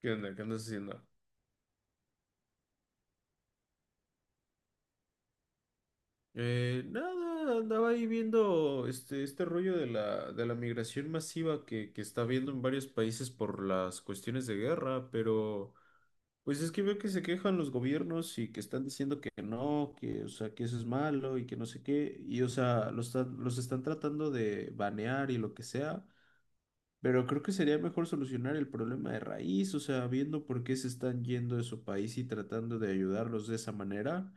¿Qué onda? ¿Qué andas haciendo? Nada, andaba ahí viendo este rollo de la migración masiva que está habiendo en varios países por las cuestiones de guerra, pero pues es que veo que se quejan los gobiernos y que están diciendo que no, que, o sea, que eso es malo y que no sé qué, y o sea, los están tratando de banear y lo que sea, pero creo que sería mejor solucionar el problema de raíz, o sea, viendo por qué se están yendo de su país y tratando de ayudarlos de esa manera.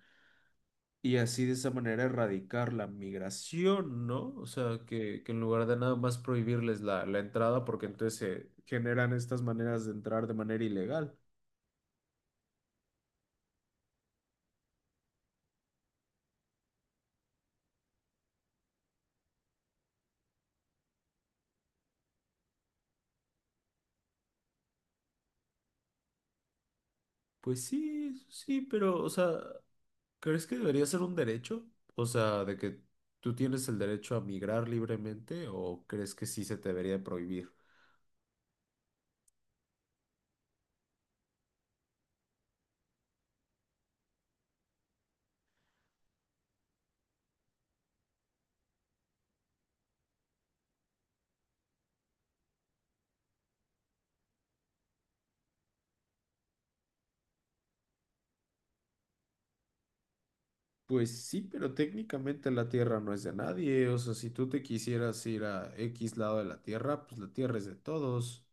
Y así de esa manera erradicar la migración, ¿no? O sea, que en lugar de nada más prohibirles la entrada, porque entonces se generan estas maneras de entrar de manera ilegal. Pues sí, sí, pero, o sea, ¿crees que debería ser un derecho? O sea, de que tú tienes el derecho a migrar libremente, ¿o crees que sí se te debería prohibir? Pues sí, pero técnicamente la tierra no es de nadie. O sea, si tú te quisieras ir a X lado de la tierra, pues la tierra es de todos.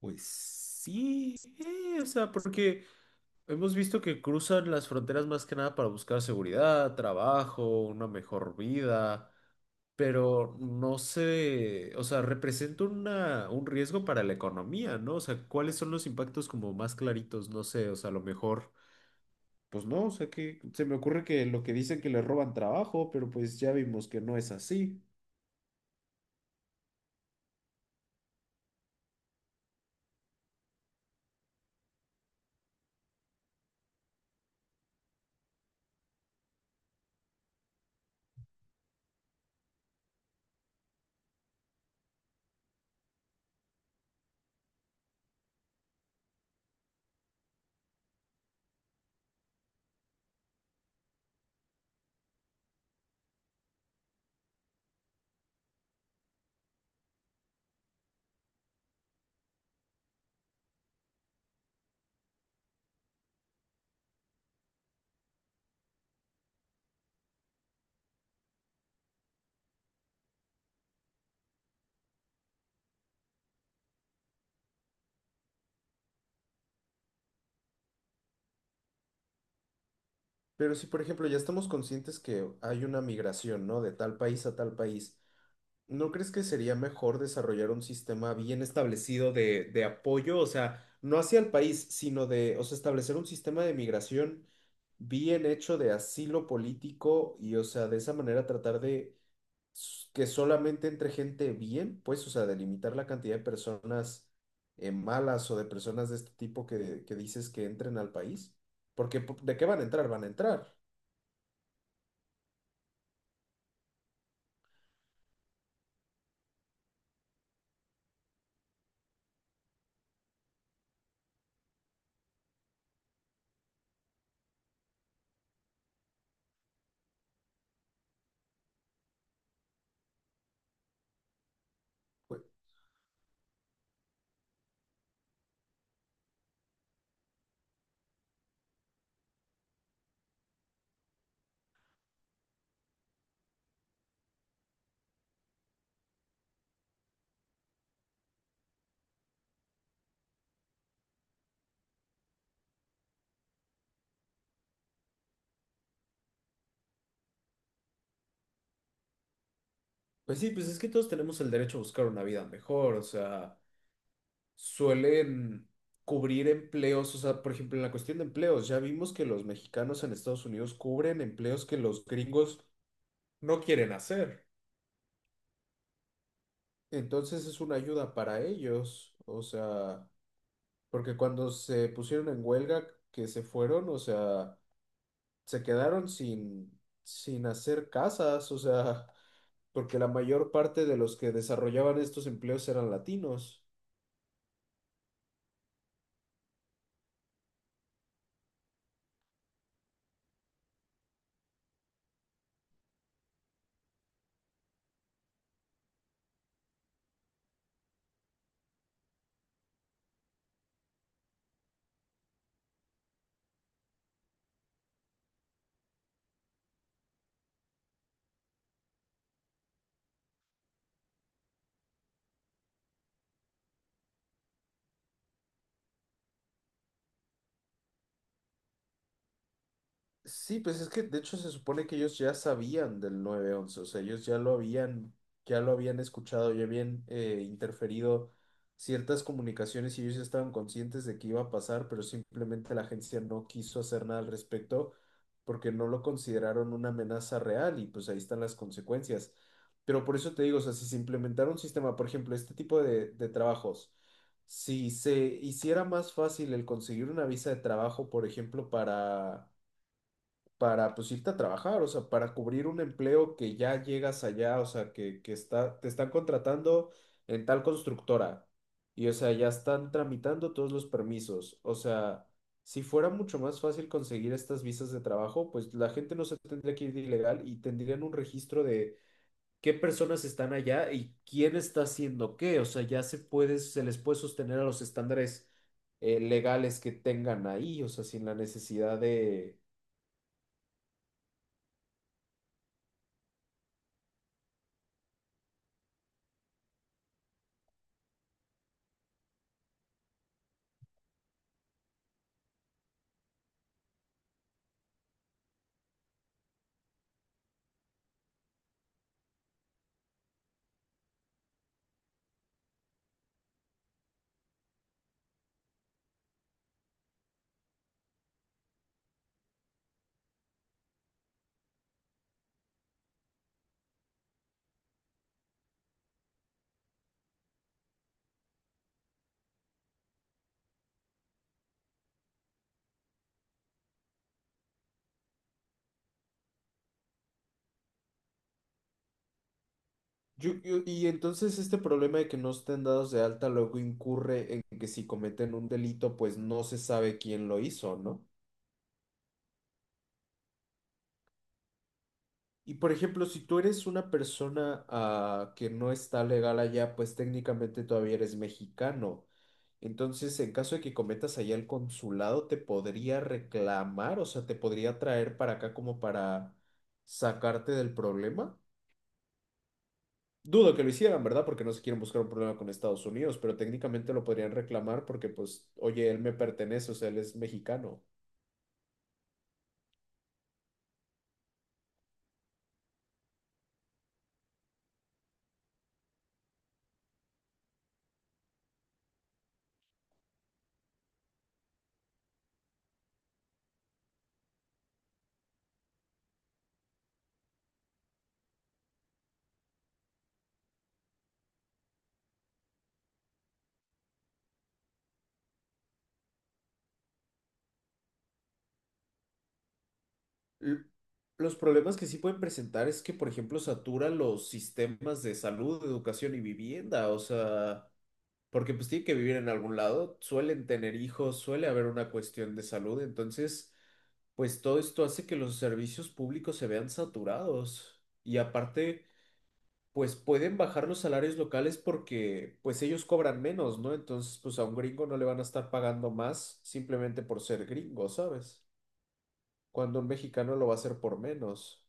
Pues sí, o sea, porque hemos visto que cruzan las fronteras más que nada para buscar seguridad, trabajo, una mejor vida, pero no sé, o sea, representa un riesgo para la economía, ¿no? O sea, ¿cuáles son los impactos como más claritos? No sé, o sea, a lo mejor, pues no, o sea, que se me ocurre que lo que dicen que le roban trabajo, pero pues ya vimos que no es así. Pero si, por ejemplo, ya estamos conscientes que hay una migración, ¿no? De tal país a tal país. ¿No crees que sería mejor desarrollar un sistema bien establecido de apoyo? O sea, no hacia el país, sino de, o sea, establecer un sistema de migración bien hecho de asilo político y, o sea, de esa manera tratar de que solamente entre gente bien, pues, o sea, de limitar la cantidad de personas malas o de personas de este tipo que dices que entren al país. Porque, ¿de qué van a entrar? Van a entrar. Pues, pues sí, pues es que todos tenemos el derecho a buscar una vida mejor, o sea. Suelen cubrir empleos, o sea, por ejemplo, en la cuestión de empleos, ya vimos que los mexicanos en Estados Unidos cubren empleos que los gringos no quieren hacer. Entonces es una ayuda para ellos, o sea, porque cuando se pusieron en huelga, que se fueron, o sea, se quedaron sin hacer casas, o sea, porque la mayor parte de los que desarrollaban estos empleos eran latinos. Sí, pues es que de hecho se supone que ellos ya sabían del 9/11, o sea, ellos ya lo habían, escuchado, ya habían interferido ciertas comunicaciones y ellos ya estaban conscientes de que iba a pasar, pero simplemente la agencia no quiso hacer nada al respecto porque no lo consideraron una amenaza real y pues ahí están las consecuencias. Pero por eso te digo, o sea, si se implementara un sistema, por ejemplo, este tipo de trabajos, si se hiciera más fácil el conseguir una visa de trabajo, por ejemplo, para pues irte a trabajar, o sea, para cubrir un empleo que ya llegas allá, o sea, que está, te están contratando en tal constructora y, o sea, ya están tramitando todos los permisos. O sea, si fuera mucho más fácil conseguir estas visas de trabajo, pues la gente no se tendría que ir de ilegal y tendrían un registro de qué personas están allá y quién está haciendo qué. O sea, ya se puede, se les puede sostener a los estándares legales que tengan ahí, o sea, sin la necesidad de Y entonces este problema de que no estén dados de alta luego incurre en que si cometen un delito, pues no se sabe quién lo hizo, ¿no? Y por ejemplo, si tú eres una persona que no está legal allá, pues técnicamente todavía eres mexicano. Entonces, en caso de que cometas allá el consulado, te podría reclamar, o sea, te podría traer para acá como para sacarte del problema. Dudo que lo hicieran, ¿verdad? Porque no se quieren buscar un problema con Estados Unidos, pero técnicamente lo podrían reclamar porque, pues, oye, él me pertenece, o sea, él es mexicano. L- Los problemas que sí pueden presentar es que, por ejemplo, satura los sistemas de salud, educación y vivienda, o sea, porque pues tienen que vivir en algún lado, suelen tener hijos, suele haber una cuestión de salud, entonces, pues todo esto hace que los servicios públicos se vean saturados. Y aparte, pues pueden bajar los salarios locales porque pues ellos cobran menos, ¿no? Entonces, pues a un gringo no le van a estar pagando más simplemente por ser gringo, ¿sabes? Cuando un mexicano lo va a hacer por menos.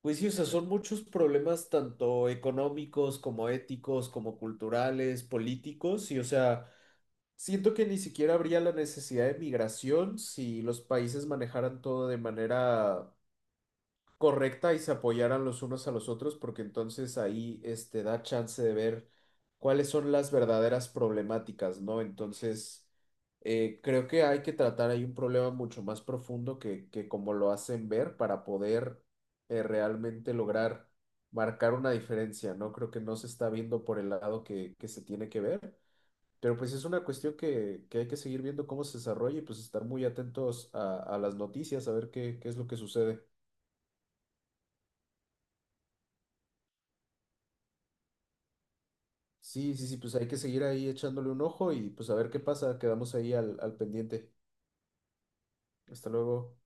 Pues sí, o sea, son muchos problemas tanto económicos como éticos, como culturales, políticos, y o sea, siento que ni siquiera habría la necesidad de migración si los países manejaran todo de manera correcta y se apoyaran los unos a los otros, porque entonces ahí da chance de ver cuáles son las verdaderas problemáticas, ¿no? Entonces, creo que hay que tratar ahí un problema mucho más profundo que como lo hacen ver para poder realmente lograr marcar una diferencia, ¿no? Creo que no se está viendo por el lado que se tiene que ver. Pero pues es una cuestión que hay que seguir viendo cómo se desarrolla y pues estar muy atentos a las noticias, a ver qué es lo que sucede. Sí, sí, sí, pues hay que seguir ahí echándole un ojo y pues a ver qué pasa. Quedamos ahí al pendiente. Hasta luego.